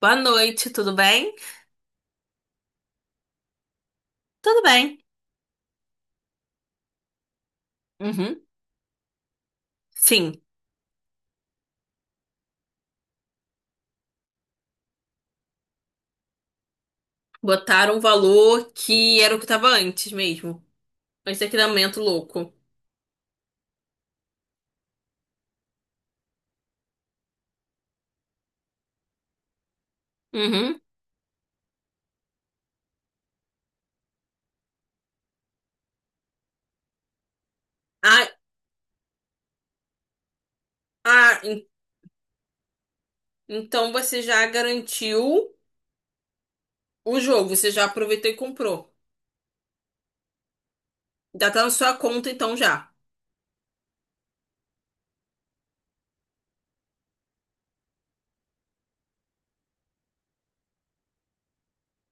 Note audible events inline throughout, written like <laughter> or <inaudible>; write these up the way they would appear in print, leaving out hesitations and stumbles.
Boa noite, tudo bem? Tudo bem. Uhum. Sim, botaram um valor que era o que tava antes mesmo. Antes daquele aumento louco. Uhum. Ah, ah, então você já garantiu o jogo, você já aproveitou e comprou. Já tá na sua conta então já.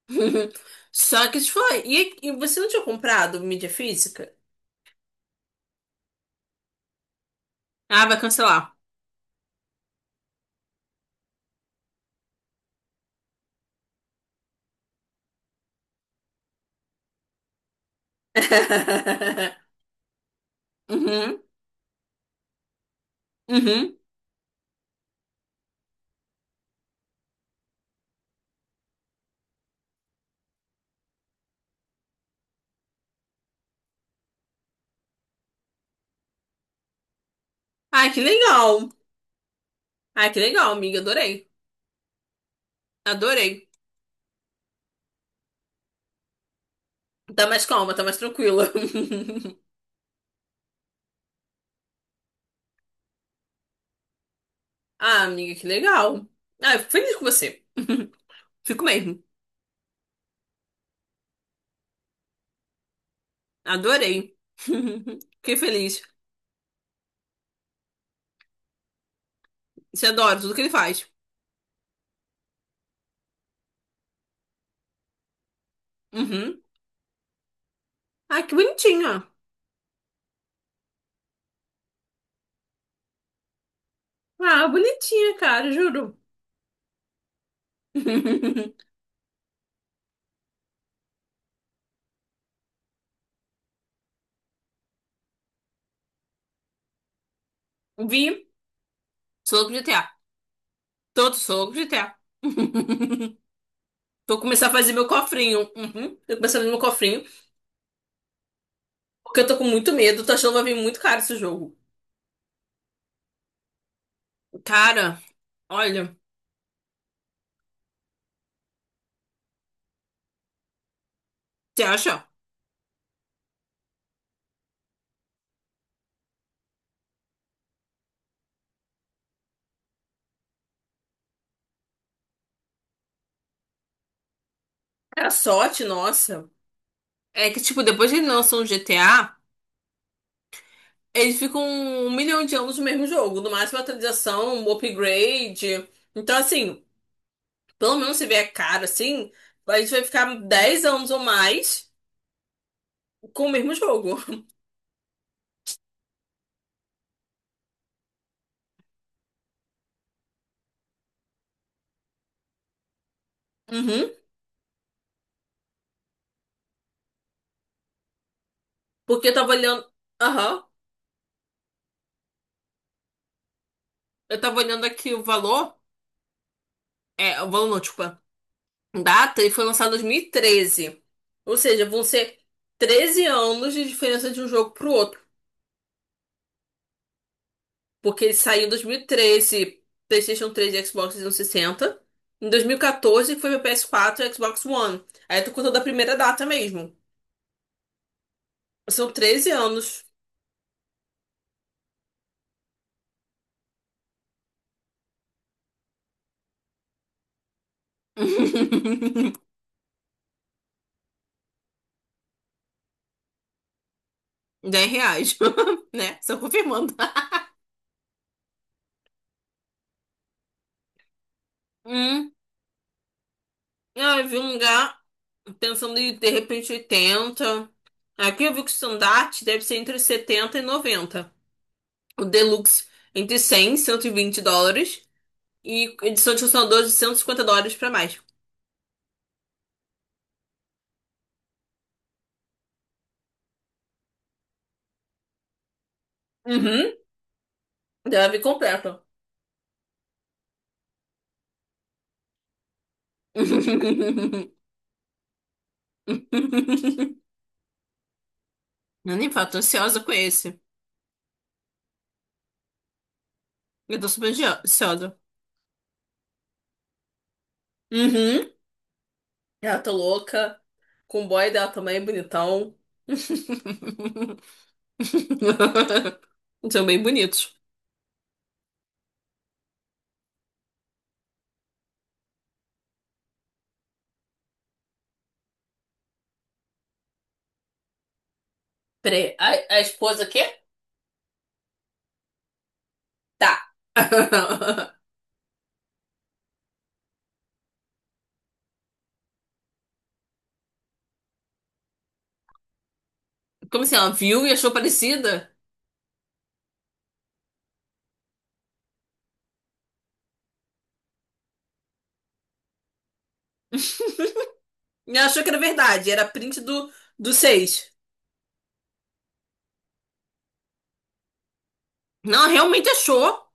<laughs> Só que isso foi. E você não tinha comprado mídia física? Ah, vai cancelar. <laughs> Uhum, uhum. Ai, que legal. Ai, que legal, amiga. Adorei. Adorei. Tá mais calma, tá mais tranquila. <laughs> Ah, amiga, que legal. Ah, eu fico feliz com você. <laughs> Fico mesmo. Adorei. <laughs> Fiquei feliz. Você adora tudo que ele faz. Uhum. Ah, que bonitinha. Ah, bonitinha, cara, juro. <laughs> Vi. Soco de GTA. Todo soco de GTA. <laughs> Vou começar a fazer meu cofrinho. Uhum. Vou começar a fazer meu cofrinho. Porque eu tô com muito medo. Tô achando que vai vir muito caro esse jogo. Cara, olha. Você acha? Era sorte, nossa. É que, tipo, depois que eles lançam o GTA, eles ficam um milhão de anos no mesmo jogo. No máximo, atualização, um upgrade. Então, assim, pelo menos se vier caro, assim, a gente vai ficar 10 anos ou mais com o mesmo jogo. Uhum. Porque eu tava olhando... Aham. Eu tava olhando aqui o valor. É, o valor não, desculpa. Data, e foi lançado em 2013. Ou seja, vão ser 13 anos de diferença de um jogo pro outro. Porque ele saiu em 2013, PlayStation 3 e Xbox 360. Em 2014, que foi meu PS4 e Xbox One. Aí tu contou da primeira data mesmo. São 13 anos. <laughs> 10 reais, <laughs> né? Só confirmando. Hum. Ah, eu vi um lugar pensando em, de repente, 80. Aqui eu vi que o standard deve ser entre 70 e 90. O deluxe entre 100 e 120 dólares. E edição de funcionadores de 150 dólares pra mais. Uhum. Deve vir completa. <laughs> Não, nem falo, tô ansiosa com esse. Eu tô super ansiosa. Uhum. Ela tá louca. Com o boy dela também, bonitão. <laughs> São bem bonitos. Peraí, a esposa quê? Tá. <laughs> Como assim? Ela viu e achou parecida? E ela achou que era verdade. Era print do 6. Não, ela realmente achou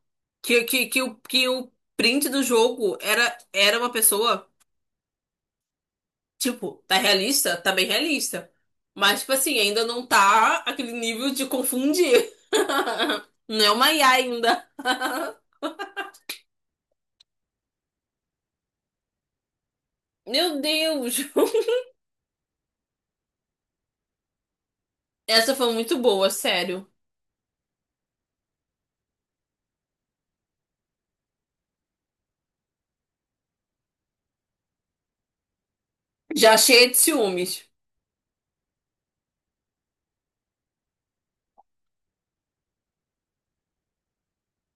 que o print do jogo era uma pessoa. Tipo, tá realista? Tá bem realista. Mas, tipo assim, ainda não tá aquele nível de confundir. <laughs> Não é uma IA ainda. <laughs> Meu Deus! <laughs> Essa foi muito boa, sério. Já cheia de ciúmes.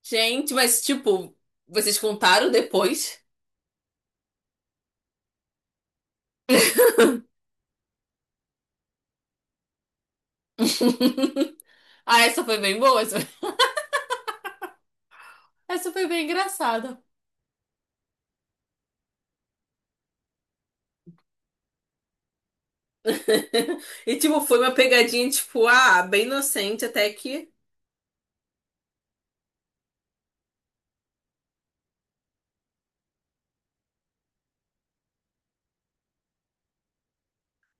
Gente, mas, tipo, vocês contaram depois? Ah, essa foi bem boa. Essa. <laughs> Essa foi bem engraçada. <laughs> E, tipo, foi uma pegadinha, tipo, ah, bem inocente até que.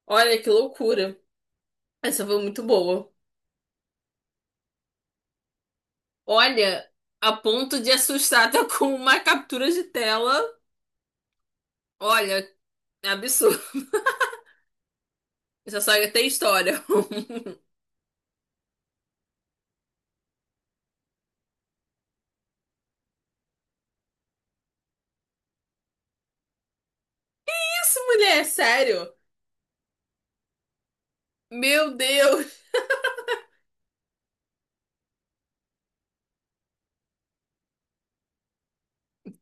Olha que loucura. Essa foi muito boa. Olha, a ponto de assustar até com uma captura de tela. Olha, é absurdo. Essa saga tem história. <laughs> Que isso, mulher? É sério? Meu Deus!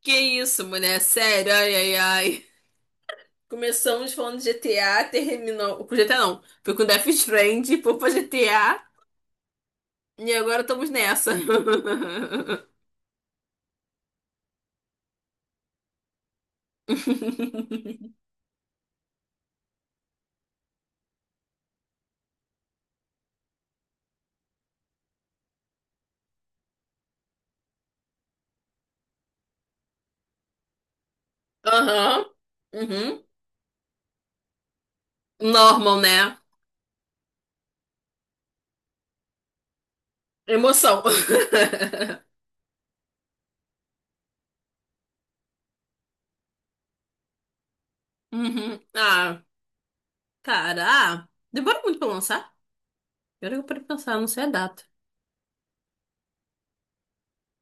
Que isso, mulher? É sério? Ai, ai, ai. Começamos falando de GTA, terminou. Com GTA não. Foi com Death Stranding, foi pra GTA. E agora estamos nessa. <laughs> Aham. Uhum. Normal, né? Emoção. <laughs> Uhum. Ah, cara, ah, demora muito pra lançar? Agora que eu parei pra pensar, não sei a data.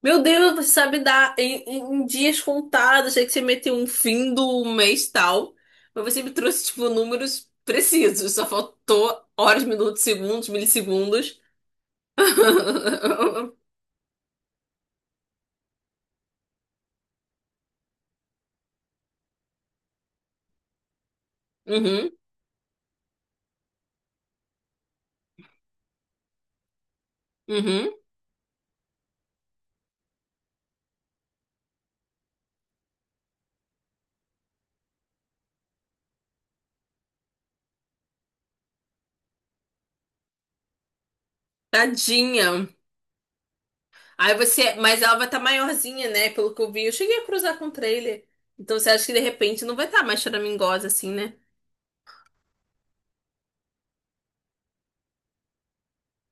Meu Deus, você sabe dar em, em dias contados. Achei que você meteu um fim do mês tal. Mas você me trouxe, tipo, números precisos. Só faltou horas, minutos, segundos, milissegundos. <laughs> Uhum, uhum. Tadinha. Aí você. Mas ela vai estar maiorzinha, né? Pelo que eu vi. Eu cheguei a cruzar com o trailer. Então você acha que de repente não vai estar mais choramingosa assim, né?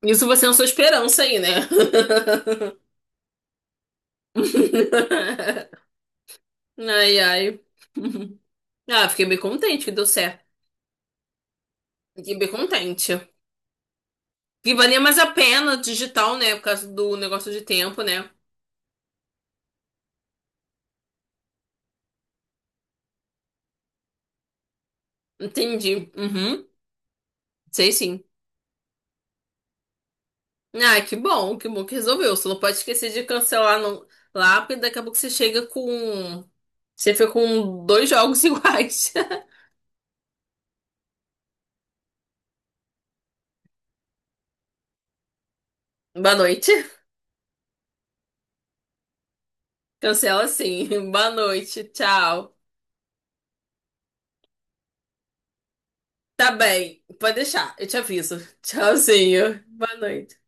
Isso você é a sua esperança aí, né? <laughs> Ai, ai. Ah, fiquei bem contente que deu certo. Fiquei bem contente. E valia mais a pena digital, né? Por causa do negócio de tempo, né? Entendi. Uhum. Sei sim. Ah, que bom, que bom que resolveu. Você não pode esquecer de cancelar no... lá, porque daqui a pouco você chega com. Você fica com dois jogos <laughs> iguais. Boa noite. Cancela sim. <laughs> Boa noite. Tchau. Tá bem. Pode deixar. Eu te aviso. Tchauzinho. Boa noite.